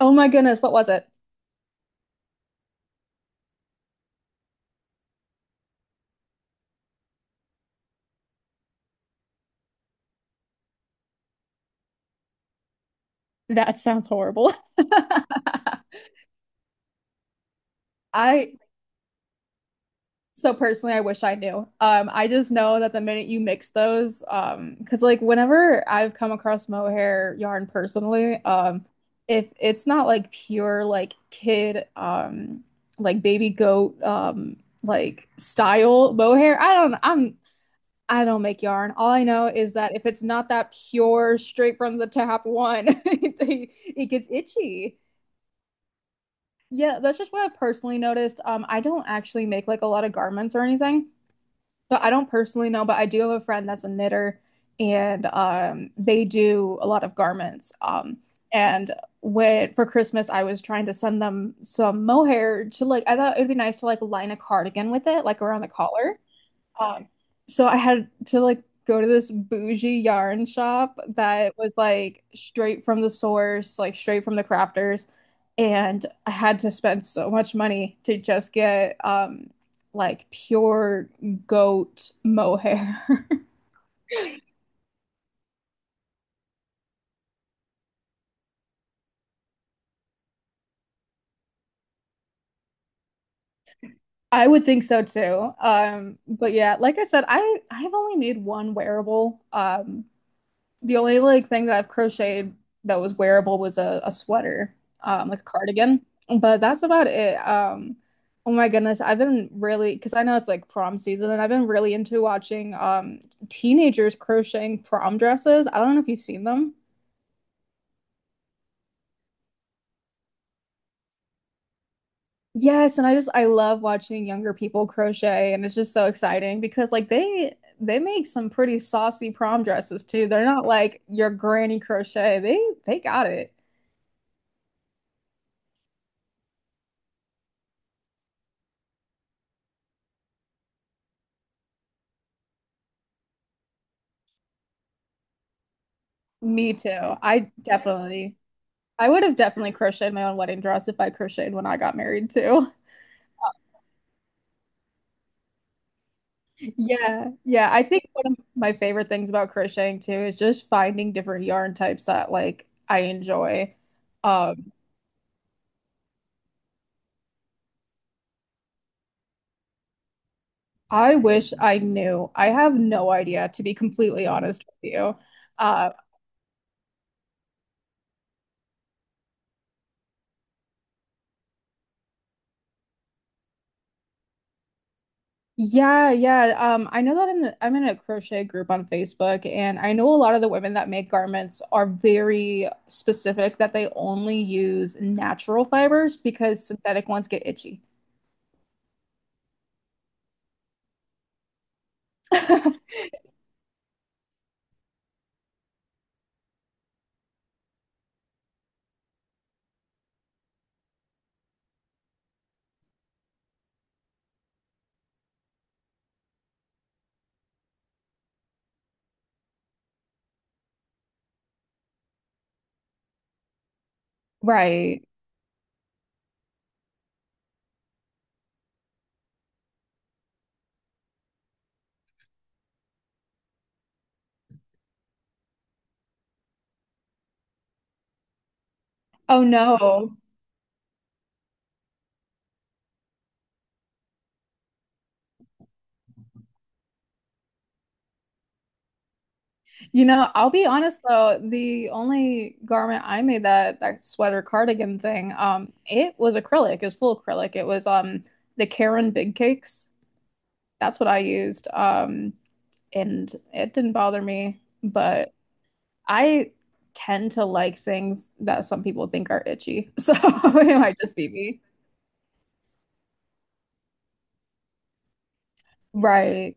Oh my goodness, what was it? That sounds horrible. I so personally, I wish I knew. I just know that the minute you mix those, because like whenever I've come across mohair yarn personally, if it's not like pure like kid, like baby goat, like style mohair. I don't make yarn. All I know is that if it's not that pure, straight from the tap one, it gets itchy. Yeah, that's just what I've personally noticed. I don't actually make like a lot of garments or anything. So I don't personally know, but I do have a friend that's a knitter and they do a lot of garments. And When for Christmas I was trying to send them some mohair to like I thought it'd be nice to like line a cardigan with it, like around the collar. Um, so I had to like go to this bougie yarn shop that was like straight from the source, like straight from the crafters, and I had to spend so much money to just get like pure goat mohair. I would think so too. But yeah, like I said, I've only made one wearable. The only like thing that I've crocheted that was wearable was a sweater, like a cardigan. But that's about it. Oh my goodness, I've been really because I know it's like prom season, and I've been really into watching teenagers crocheting prom dresses. I don't know if you've seen them. Yes, and I just I love watching younger people crochet, and it's just so exciting because like they make some pretty saucy prom dresses too. They're not like your granny crochet. They got it. Me too. I definitely. I would have definitely crocheted my own wedding dress if I crocheted when I got married too. Yeah, yeah. I think one of my favorite things about crocheting too is just finding different yarn types that like I enjoy. Um, I wish I knew. I have no idea, to be completely honest with you. Uh, yeah, yeah. I know that I'm in a crochet group on Facebook, and I know a lot of the women that make garments are very specific that they only use natural fibers because synthetic ones get itchy. Right. Oh no. You know, I'll be honest though, the only garment I made that that sweater cardigan thing, it was acrylic, it was full acrylic. It was the Karen Big Cakes. That's what I used. And it didn't bother me, but I tend to like things that some people think are itchy. So it might just be me. Right.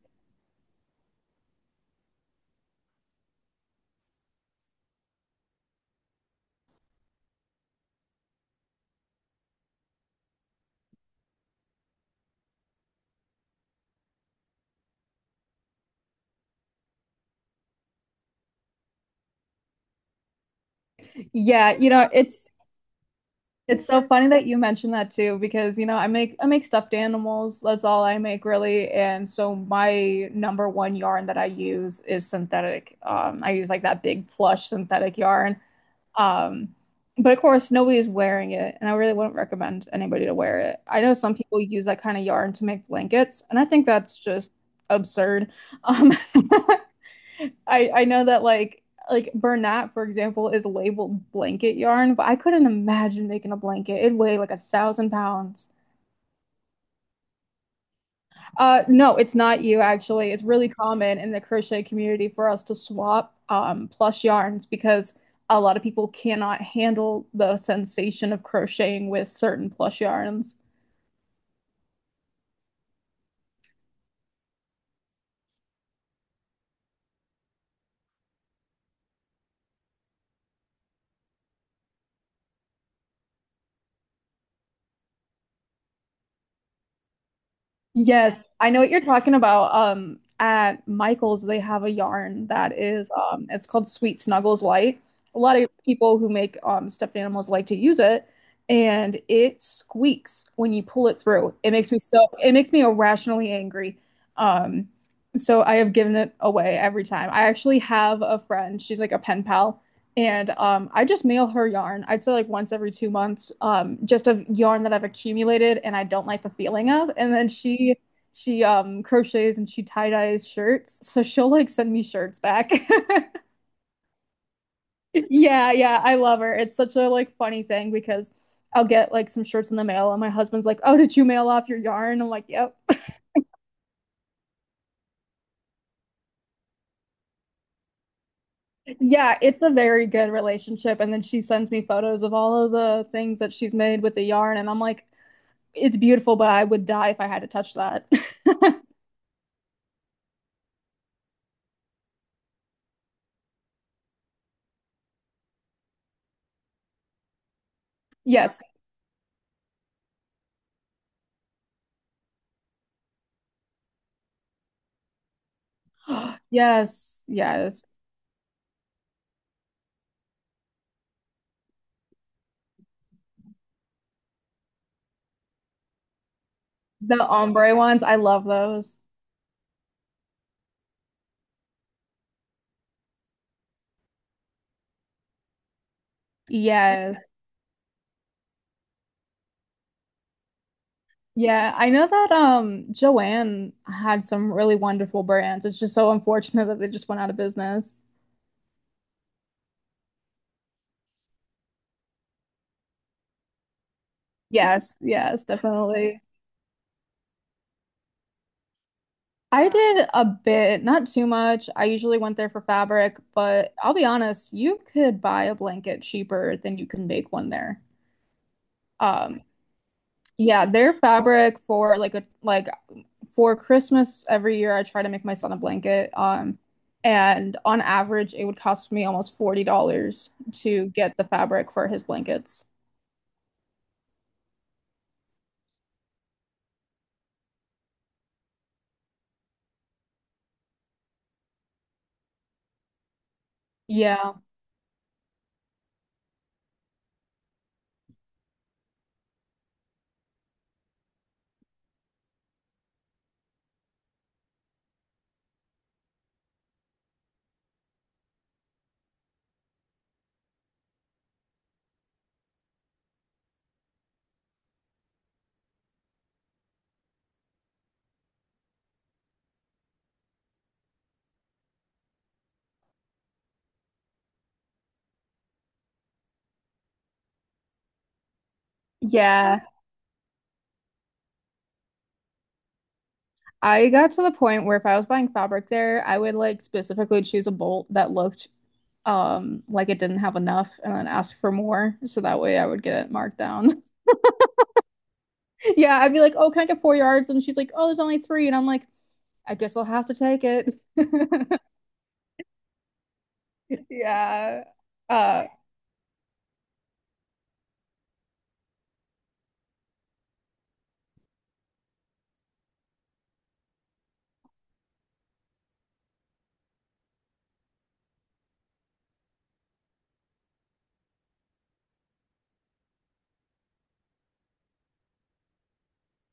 Yeah, you know, it's so funny that you mentioned that too because you know, I make stuffed animals. That's all I make really. And so my number one yarn that I use is synthetic. I use like that big plush synthetic yarn. Um, but of course, nobody is wearing it, and I really wouldn't recommend anybody to wear it. I know some people use that kind of yarn to make blankets, and I think that's just absurd. Um, I know that like Bernat, for example, is labeled blanket yarn, but I couldn't imagine making a blanket. It'd weigh like a thousand pounds. No, it's not you actually. It's really common in the crochet community for us to swap plush yarns because a lot of people cannot handle the sensation of crocheting with certain plush yarns. Yes, I know what you're talking about. At Michael's, they have a yarn that is, it's called Sweet Snuggles Light. A lot of people who make stuffed animals like to use it, and it squeaks when you pull it through. It makes me irrationally angry. Um, so I have given it away every time. I actually have a friend, she's like a pen pal. And I just mail her yarn. I'd say like once every 2 months, just of yarn that I've accumulated and I don't like the feeling of. And then she crochets and she tie dyes shirts, so she'll like send me shirts back. Yeah, yeah, I love her. It's such a like funny thing because I'll get like some shirts in the mail and my husband's like, "Oh, did you mail off your yarn?" I'm like, "Yep." Yeah, it's a very good relationship. And then she sends me photos of all of the things that she's made with the yarn, and I'm like, it's beautiful, but I would die if I had to touch that. Yes. Yes. Yes. The ombre ones, I love those. Yes. Yeah, I know that Joanne had some really wonderful brands. It's just so unfortunate that they just went out of business. Yes, yes, definitely. I did a bit, not too much. I usually went there for fabric, but I'll be honest, you could buy a blanket cheaper than you can make one there. Um, yeah, their fabric for like a like for Christmas every year, I try to make my son a blanket. And on average, it would cost me almost $40 to get the fabric for his blankets. Yeah. Yeah. I got to the point where if I was buying fabric there, I would like specifically choose a bolt that looked like it didn't have enough and then ask for more. So that way I would get it marked down. Yeah, I'd be like, "Oh, can I get 4 yards?" And she's like, "Oh, there's only three." And I'm like, "I guess I'll have to take it." Yeah. Uh,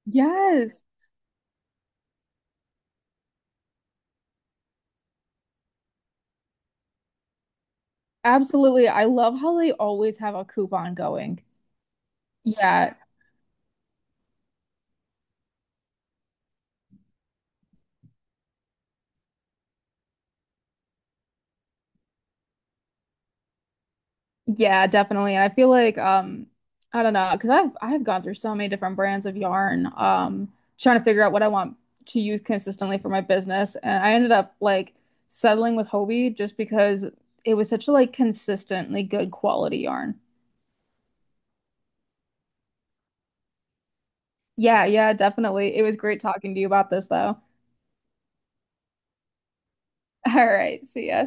yes. Absolutely. I love how they always have a coupon going. Yeah. Yeah, definitely. And I feel like I don't know, because 'cause I've gone through so many different brands of yarn trying to figure out what I want to use consistently for my business and I ended up like settling with Hobie just because it was such a like consistently good quality yarn. Yeah, yeah, definitely. It was great talking to you about this though. All right. See ya.